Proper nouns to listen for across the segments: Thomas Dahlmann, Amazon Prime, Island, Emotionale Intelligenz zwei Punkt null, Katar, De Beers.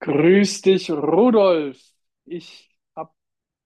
Grüß dich, Rudolf. Ich habe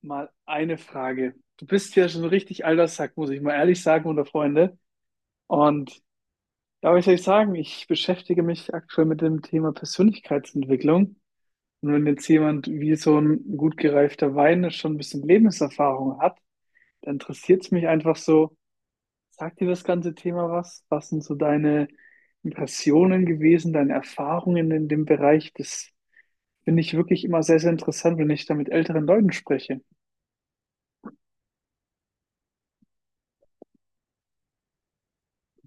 mal eine Frage. Du bist ja schon richtig alter Sack, muss ich mal ehrlich sagen, unter Freunde. Und da will ich euch sagen, ich beschäftige mich aktuell mit dem Thema Persönlichkeitsentwicklung. Und wenn jetzt jemand wie so ein gut gereifter Wein schon ein bisschen Lebenserfahrung hat, dann interessiert es mich einfach so, sagt dir das ganze Thema was? Was sind so deine Impressionen gewesen, deine Erfahrungen in dem Bereich des. Finde ich wirklich immer sehr, sehr interessant, wenn ich da mit älteren Leuten spreche.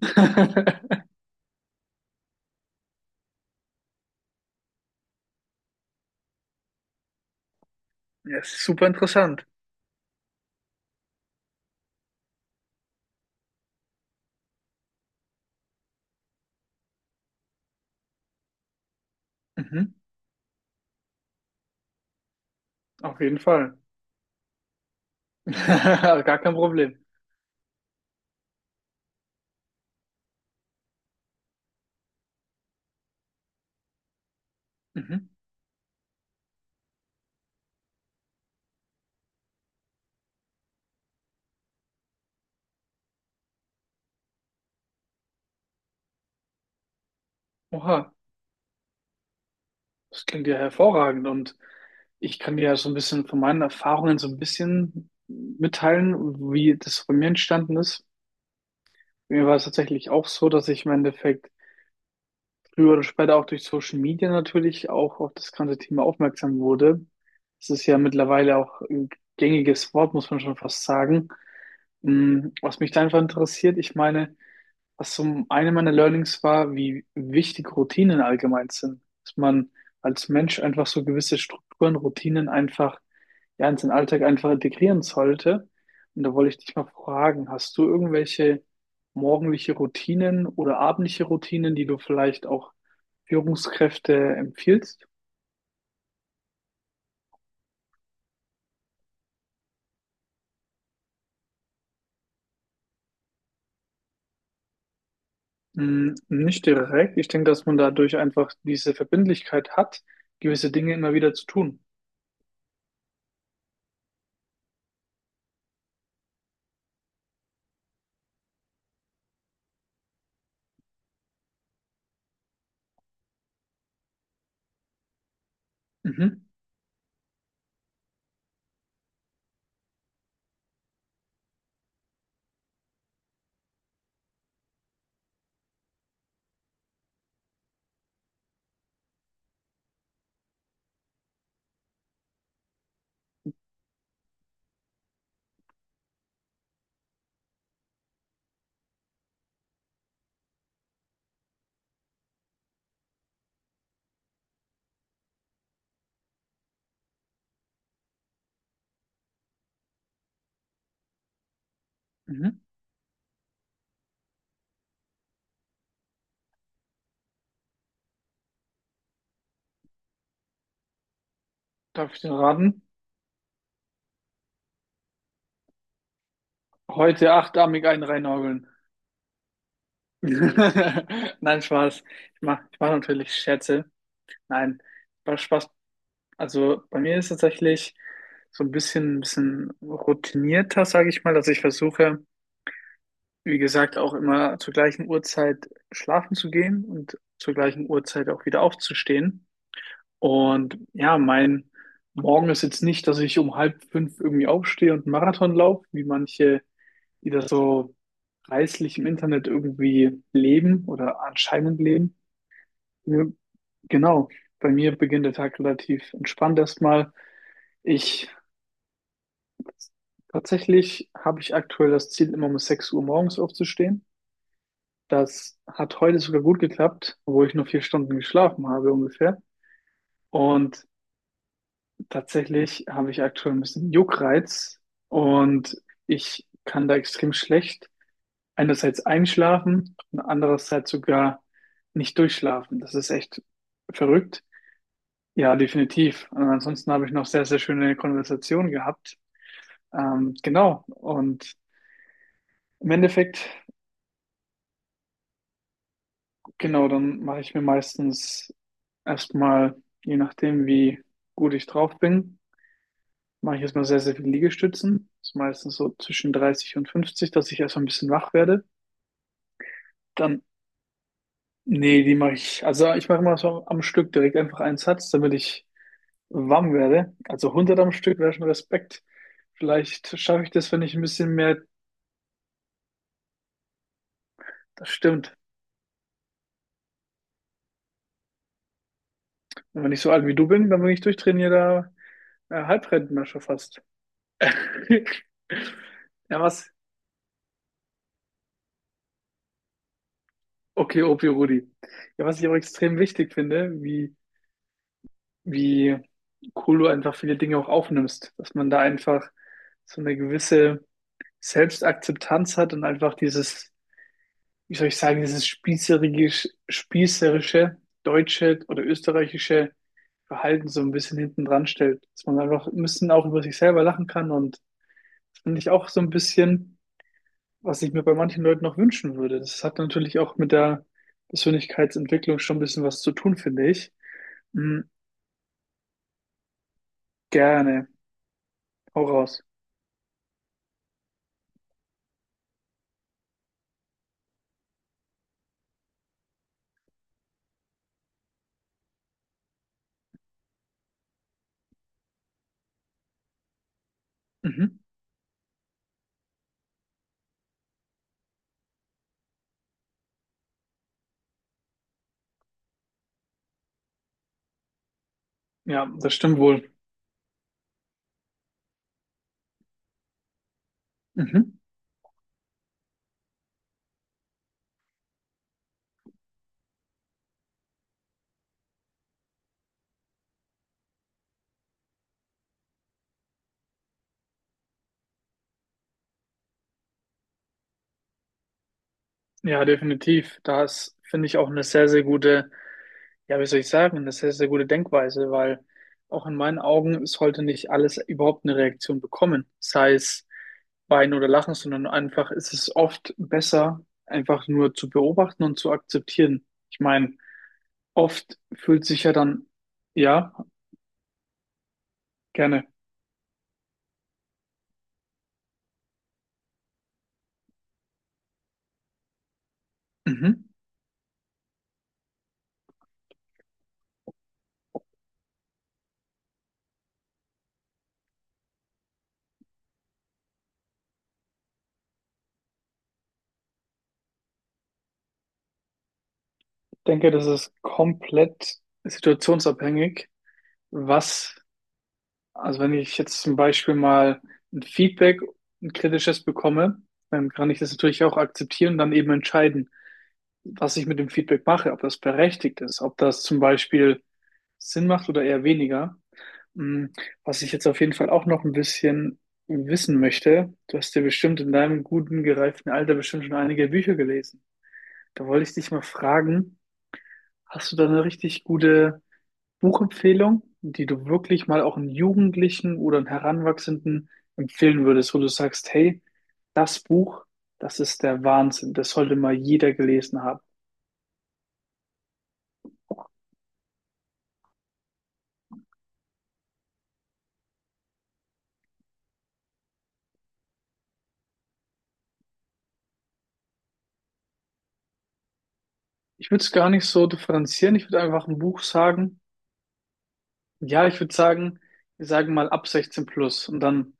Ja, ist super interessant. Mhm. Auf jeden Fall. Gar kein Problem. Mhm. Oha, das klingt ja hervorragend und ich kann dir ja so ein bisschen von meinen Erfahrungen so ein bisschen mitteilen, wie das bei mir entstanden ist. Mir war es tatsächlich auch so, dass ich im Endeffekt früher oder später auch durch Social Media natürlich auch auf das ganze Thema aufmerksam wurde. Es ist ja mittlerweile auch ein gängiges Wort, muss man schon fast sagen. Was mich da einfach interessiert, ich meine, was zum einen meiner Learnings war, wie wichtig Routinen allgemein sind. Dass man als Mensch einfach so gewisse Strukturen, Routinen einfach ja, in seinen Alltag einfach integrieren sollte. Und da wollte ich dich mal fragen, hast du irgendwelche morgendliche Routinen oder abendliche Routinen, die du vielleicht auch Führungskräfte empfiehlst? Nicht direkt. Ich denke, dass man dadurch einfach diese Verbindlichkeit hat, gewisse Dinge immer wieder zu tun. Mhm. Mhm. Darf ich dir raten? Heute achtarmig einen reinhageln. Nein, Spaß. Ich mach natürlich Scherze. Nein, Spaß, Spaß. Also bei mir ist tatsächlich so ein bisschen routinierter, sage ich mal, dass ich versuche, wie gesagt, auch immer zur gleichen Uhrzeit schlafen zu gehen und zur gleichen Uhrzeit auch wieder aufzustehen. Und ja, mein Morgen ist jetzt nicht, dass ich um halb fünf irgendwie aufstehe und einen Marathon laufe, wie manche, die das so preislich im Internet irgendwie leben oder anscheinend leben. Ja, genau, bei mir beginnt der Tag relativ entspannt erstmal. Ich Tatsächlich habe ich aktuell das Ziel, immer um 6 Uhr morgens aufzustehen. Das hat heute sogar gut geklappt, obwohl ich nur 4 Stunden geschlafen habe ungefähr. Und tatsächlich habe ich aktuell ein bisschen Juckreiz und ich kann da extrem schlecht einerseits einschlafen und andererseits sogar nicht durchschlafen. Das ist echt verrückt. Ja, definitiv. Und ansonsten habe ich noch sehr, sehr schöne Konversationen gehabt. Genau. Und im Endeffekt, genau, dann mache ich mir meistens erstmal, je nachdem, wie gut ich drauf bin, mache ich erstmal sehr, sehr viele Liegestützen. Das ist meistens so zwischen 30 und 50, dass ich erstmal ein bisschen wach werde. Dann, nee, die mache ich, also ich mache immer so am Stück direkt einfach einen Satz, damit ich warm wäre. Also 100 am Stück wäre schon Respekt. Vielleicht schaffe ich das, wenn ich ein bisschen mehr. Das stimmt. Und wenn ich so alt wie du bin, dann bin ich durchtrainierter Halbrentner schon fast. Ja, was? Okay, Opi Rudi. Ja, was ich aber extrem wichtig finde, wie cool du einfach viele Dinge auch aufnimmst, dass man da einfach so eine gewisse Selbstakzeptanz hat und einfach dieses, wie soll ich sagen, dieses spießerische deutsche oder österreichische Verhalten so ein bisschen hinten dran stellt, dass man einfach ein bisschen auch über sich selber lachen kann und das finde ich auch so ein bisschen, was ich mir bei manchen Leuten noch wünschen würde. Das hat natürlich auch mit der Persönlichkeitsentwicklung schon ein bisschen was zu tun, finde ich. Mhm. Gerne. Hau raus. Mhm. Ja, das stimmt wohl. Mhm. Ja, definitiv. Da ist, finde ich, auch eine sehr, sehr gute. Ja, wie soll ich sagen? Das ist eine sehr gute Denkweise, weil auch in meinen Augen sollte nicht alles überhaupt eine Reaktion bekommen, sei es weinen oder lachen, sondern einfach ist es oft besser, einfach nur zu beobachten und zu akzeptieren. Ich meine, oft fühlt sich ja dann. Ja, gerne. Mhm. Ich denke, das ist komplett situationsabhängig, was. Also wenn ich jetzt zum Beispiel mal ein Feedback, ein kritisches bekomme, dann kann ich das natürlich auch akzeptieren und dann eben entscheiden, was ich mit dem Feedback mache, ob das berechtigt ist, ob das zum Beispiel Sinn macht oder eher weniger. Mm, Was ich jetzt auf jeden Fall auch noch ein bisschen wissen möchte, du hast ja bestimmt in deinem guten, gereiften Alter bestimmt schon einige Bücher gelesen. Da wollte ich dich mal fragen, hast du da eine richtig gute Buchempfehlung, die du wirklich mal auch einem Jugendlichen oder einem Heranwachsenden empfehlen würdest, wo du sagst, hey, das Buch, das ist der Wahnsinn, das sollte mal jeder gelesen haben. Ich würde es gar nicht so differenzieren, ich würde einfach ein Buch sagen. Ja, ich würde sagen, wir sagen mal ab 16 plus und dann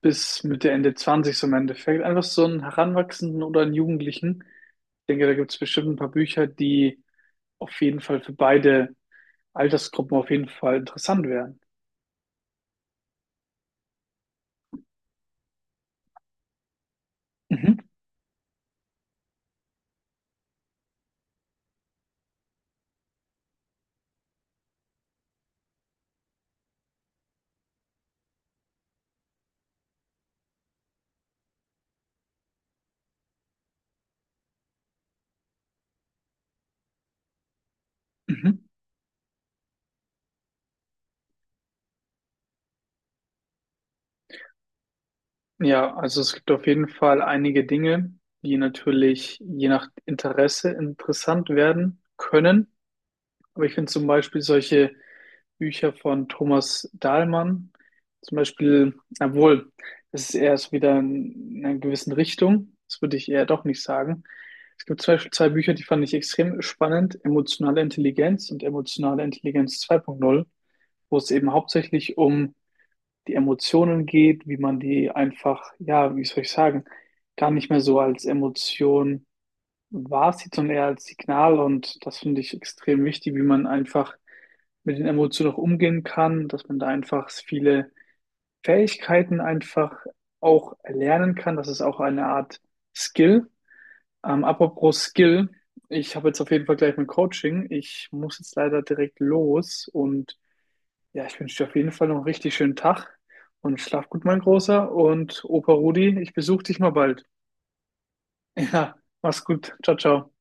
bis Mitte, Ende 20 so im Endeffekt. Einfach so einen Heranwachsenden oder einen Jugendlichen. Ich denke, da gibt es bestimmt ein paar Bücher, die auf jeden Fall für beide Altersgruppen auf jeden Fall interessant wären. Mhm. Mhm. Ja, also es gibt auf jeden Fall einige Dinge, die natürlich je nach Interesse interessant werden können. Aber ich finde zum Beispiel solche Bücher von Thomas Dahlmann, zum Beispiel, obwohl, das ist erst wieder in einer gewissen Richtung, das würde ich eher doch nicht sagen. Es gibt zum Beispiel zwei Bücher, die fand ich extrem spannend, Emotionale Intelligenz und Emotionale Intelligenz 2.0, wo es eben hauptsächlich um die Emotionen geht, wie man die einfach, ja, wie soll ich sagen, gar nicht mehr so als Emotion wahrzieht, sondern eher als Signal. Und das finde ich extrem wichtig, wie man einfach mit den Emotionen auch umgehen kann, dass man da einfach viele Fähigkeiten einfach auch erlernen kann. Das ist auch eine Art Skill. Apropos Skill, ich habe jetzt auf jeden Fall gleich mein Coaching. Ich muss jetzt leider direkt los und ja, ich wünsche dir auf jeden Fall noch einen richtig schönen Tag und schlaf gut, mein Großer. Und Opa Rudi, ich besuche dich mal bald. Ja, mach's gut. Ciao, ciao.